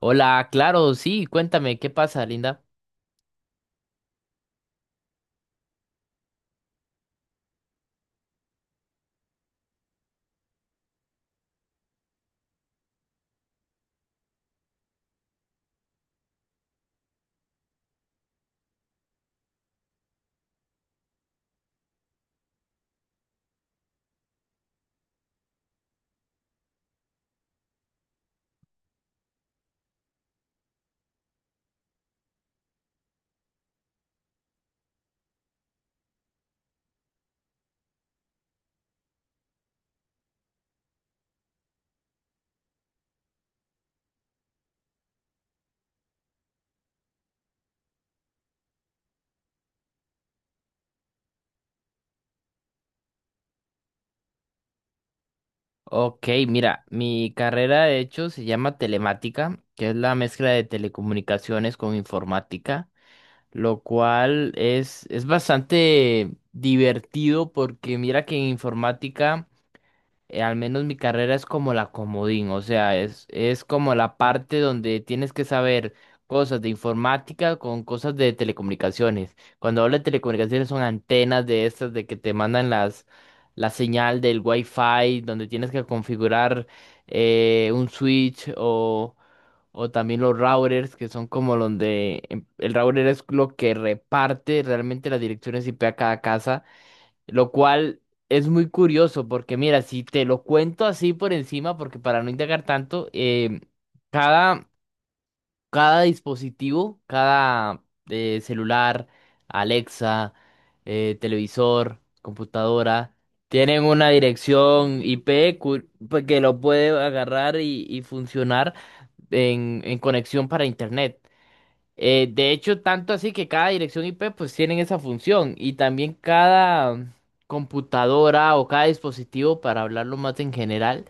Hola, claro, sí, cuéntame, ¿qué pasa, Linda? Ok, mira, mi carrera de hecho se llama telemática, que es la mezcla de telecomunicaciones con informática, lo cual es bastante divertido porque mira que en informática al menos mi carrera es como la comodín, o sea, es como la parte donde tienes que saber cosas de informática con cosas de telecomunicaciones. Cuando hablo de telecomunicaciones son antenas de estas de que te mandan las la señal del Wi-Fi, donde tienes que configurar un o también los routers, que son como donde el router es lo que reparte realmente las direcciones IP a cada casa. Lo cual es muy curioso porque mira, si te lo cuento así por encima, porque para no indagar tanto, cada, cada dispositivo, cada celular, Alexa, televisor, computadora, tienen una dirección IP pues, que lo puede agarrar y funcionar en conexión para Internet. De hecho, tanto así que cada dirección IP pues tienen esa función y también cada computadora o cada dispositivo, para hablarlo más en general,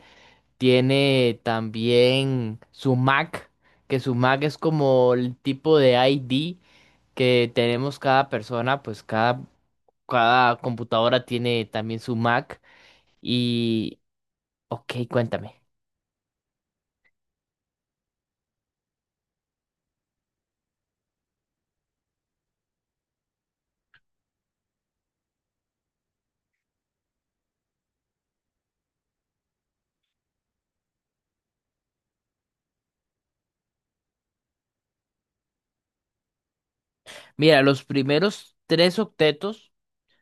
tiene también su MAC, que su MAC es como el tipo de ID que tenemos cada persona, cada computadora tiene también su MAC y... Ok, cuéntame. Mira, los primeros tres octetos,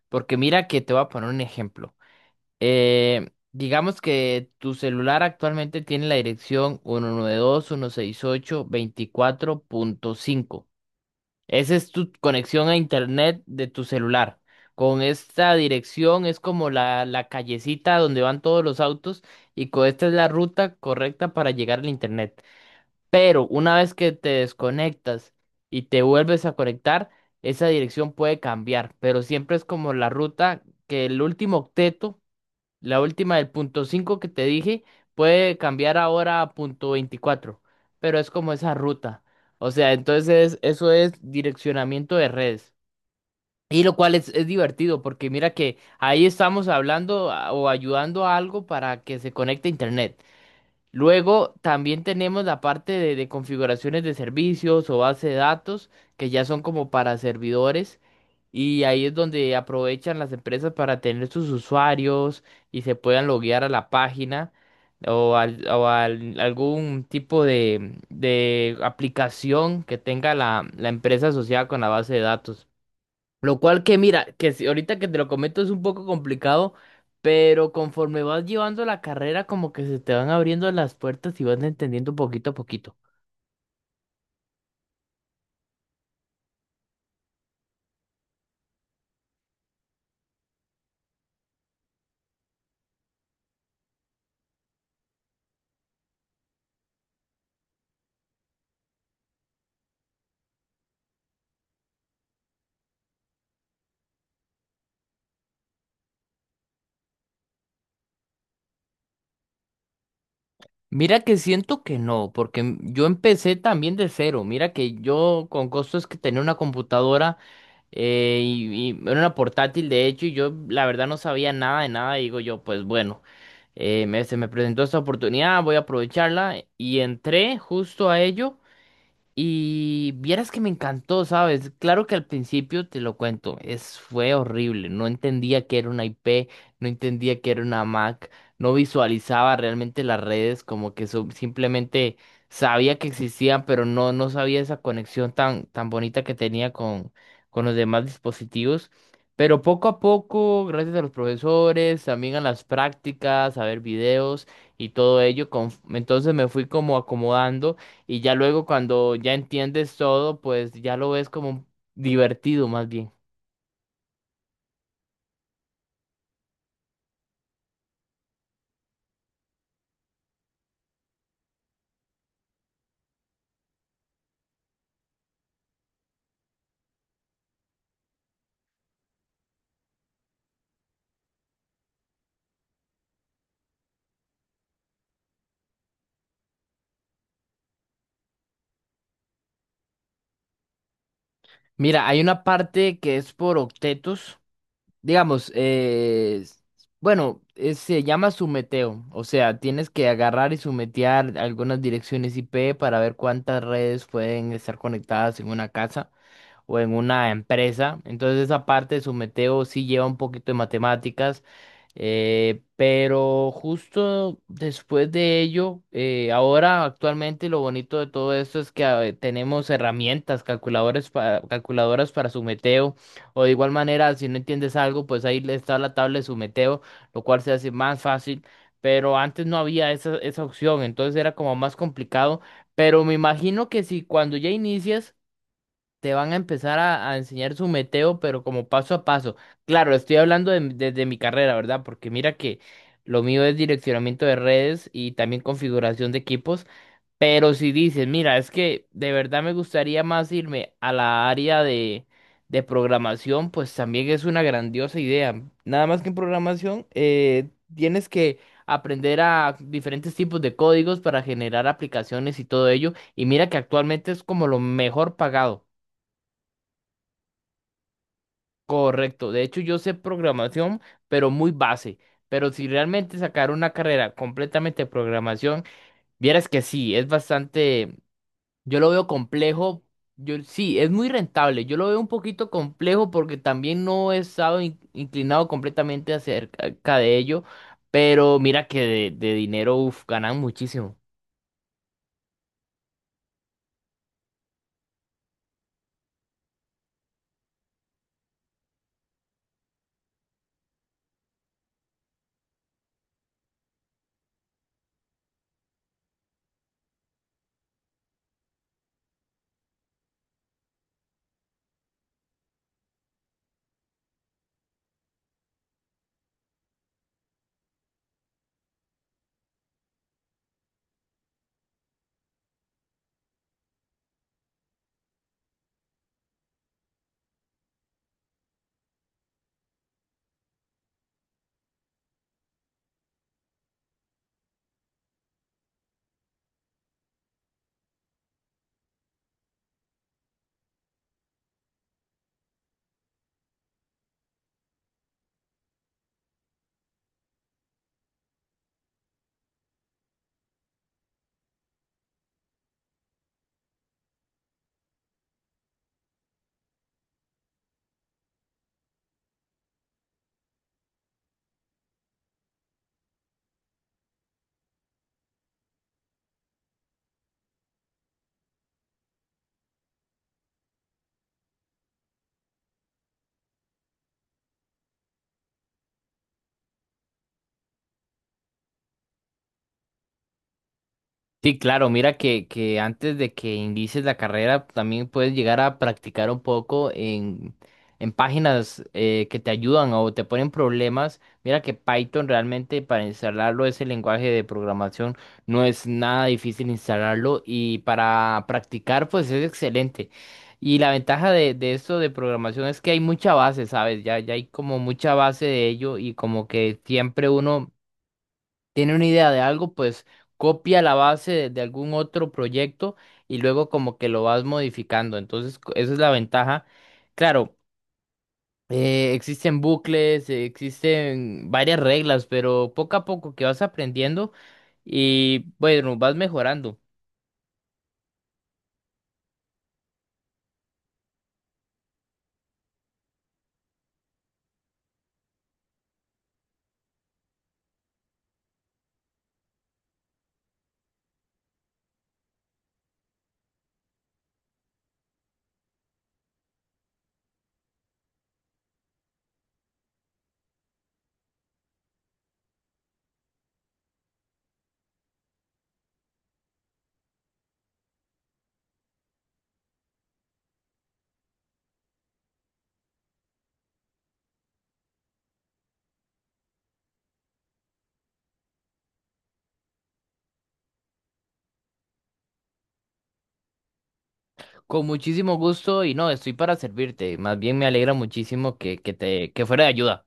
porque mira que te voy a poner un ejemplo. Digamos que tu celular actualmente tiene la dirección uno uno nueve dos punto uno seis ocho punto veinticuatro punto cinco. Esa es tu conexión a internet de tu celular. Con esta dirección es como la callecita donde van todos los autos y con esta es la ruta correcta para llegar al internet. Pero una vez que te desconectas y te vuelves a conectar, esa dirección puede cambiar, pero siempre es como la ruta, que el último octeto, la última del punto 5 que te dije, puede cambiar ahora a punto 24, pero es como esa ruta. O sea, entonces eso es direccionamiento de redes. Y lo cual es divertido porque mira que ahí estamos hablando a- o ayudando a algo para que se conecte a Internet. Luego también tenemos la parte de configuraciones de servicios o base de datos, que ya son como para servidores, y ahí es donde aprovechan las empresas para tener sus usuarios y se puedan loguear a la página o algún tipo de aplicación que tenga la empresa asociada con la base de datos. Lo cual que mira, que si- ahorita que te lo comento es un poco complicado, pero conforme vas llevando la carrera como que se te van abriendo las puertas y vas entendiendo poquito a poquito. Mira que siento que no, porque yo empecé también de cero. Mira que yo con costos que tenía una computadora y era una portátil de hecho y yo la verdad no sabía nada de nada. Y digo yo, pues bueno, se me presentó esta oportunidad, voy a aprovecharla y entré justo a ello. Y vieras que me encantó, ¿sabes? Claro que al principio te lo cuento, fue horrible. No entendía que era una IP, no entendía que era una Mac, no visualizaba realmente las redes, como que simplemente sabía que existían, pero no sabía esa conexión tan bonita que tenía con los demás dispositivos. Pero poco a poco, gracias a los profesores, también a las prácticas, a ver videos y todo ello, entonces me fui como acomodando. Y ya luego cuando ya entiendes todo, pues ya lo ves como divertido más bien. Mira, hay una parte que es por octetos, digamos, se llama sumeteo, o sea, tienes que agarrar y sumetear algunas direcciones IP para ver cuántas redes pueden estar conectadas en una casa o en una empresa. Entonces esa parte de sumeteo sí lleva un poquito de matemáticas. Pero justo después de ello, ahora actualmente lo bonito de todo esto es que tenemos herramientas, calculadoras para sumeteo, o de igual manera, si no entiendes algo, pues ahí le está la tabla de sumeteo, lo cual se hace más fácil, pero antes no había esa opción, entonces era como más complicado, pero me imagino que si cuando ya inicias te van a empezar a enseñar su meteo, pero como paso a paso. Claro, estoy desde mi carrera, ¿verdad? Porque mira que lo mío es direccionamiento de redes y también configuración de equipos, pero si dices, mira, es que de verdad me gustaría más irme a la área de programación, pues también es una grandiosa idea. Nada más que en programación, tienes que... aprender a diferentes tipos de códigos para generar aplicaciones y todo ello. Y mira que actualmente es como lo mejor pagado. Correcto, de hecho yo sé programación, pero muy base. Pero si realmente sacar una carrera completamente de programación, vieras que sí, es bastante, yo lo veo complejo, yo sí, es muy rentable, yo lo veo un poquito complejo porque también no he estado inclinado completamente acerca de ello, pero mira que de dinero, uf, ganan muchísimo. Sí, claro, mira que antes de que inicies la carrera también puedes llegar a practicar un poco en páginas que te ayudan o te ponen problemas. Mira que Python realmente para instalarlo ese lenguaje de programación no es nada difícil instalarlo y para practicar pues es excelente. Y la ventaja de esto de programación es que hay mucha base, ¿sabes? Ya hay como mucha base de ello y como que siempre uno tiene una idea de algo, pues copia la base de algún otro proyecto y luego como que lo vas modificando. Entonces, esa es la ventaja. Claro, existen bucles, existen varias reglas, pero poco a poco que vas aprendiendo y bueno, vas mejorando. Con muchísimo gusto y no, estoy para servirte. Más bien me alegra muchísimo que fuera de ayuda.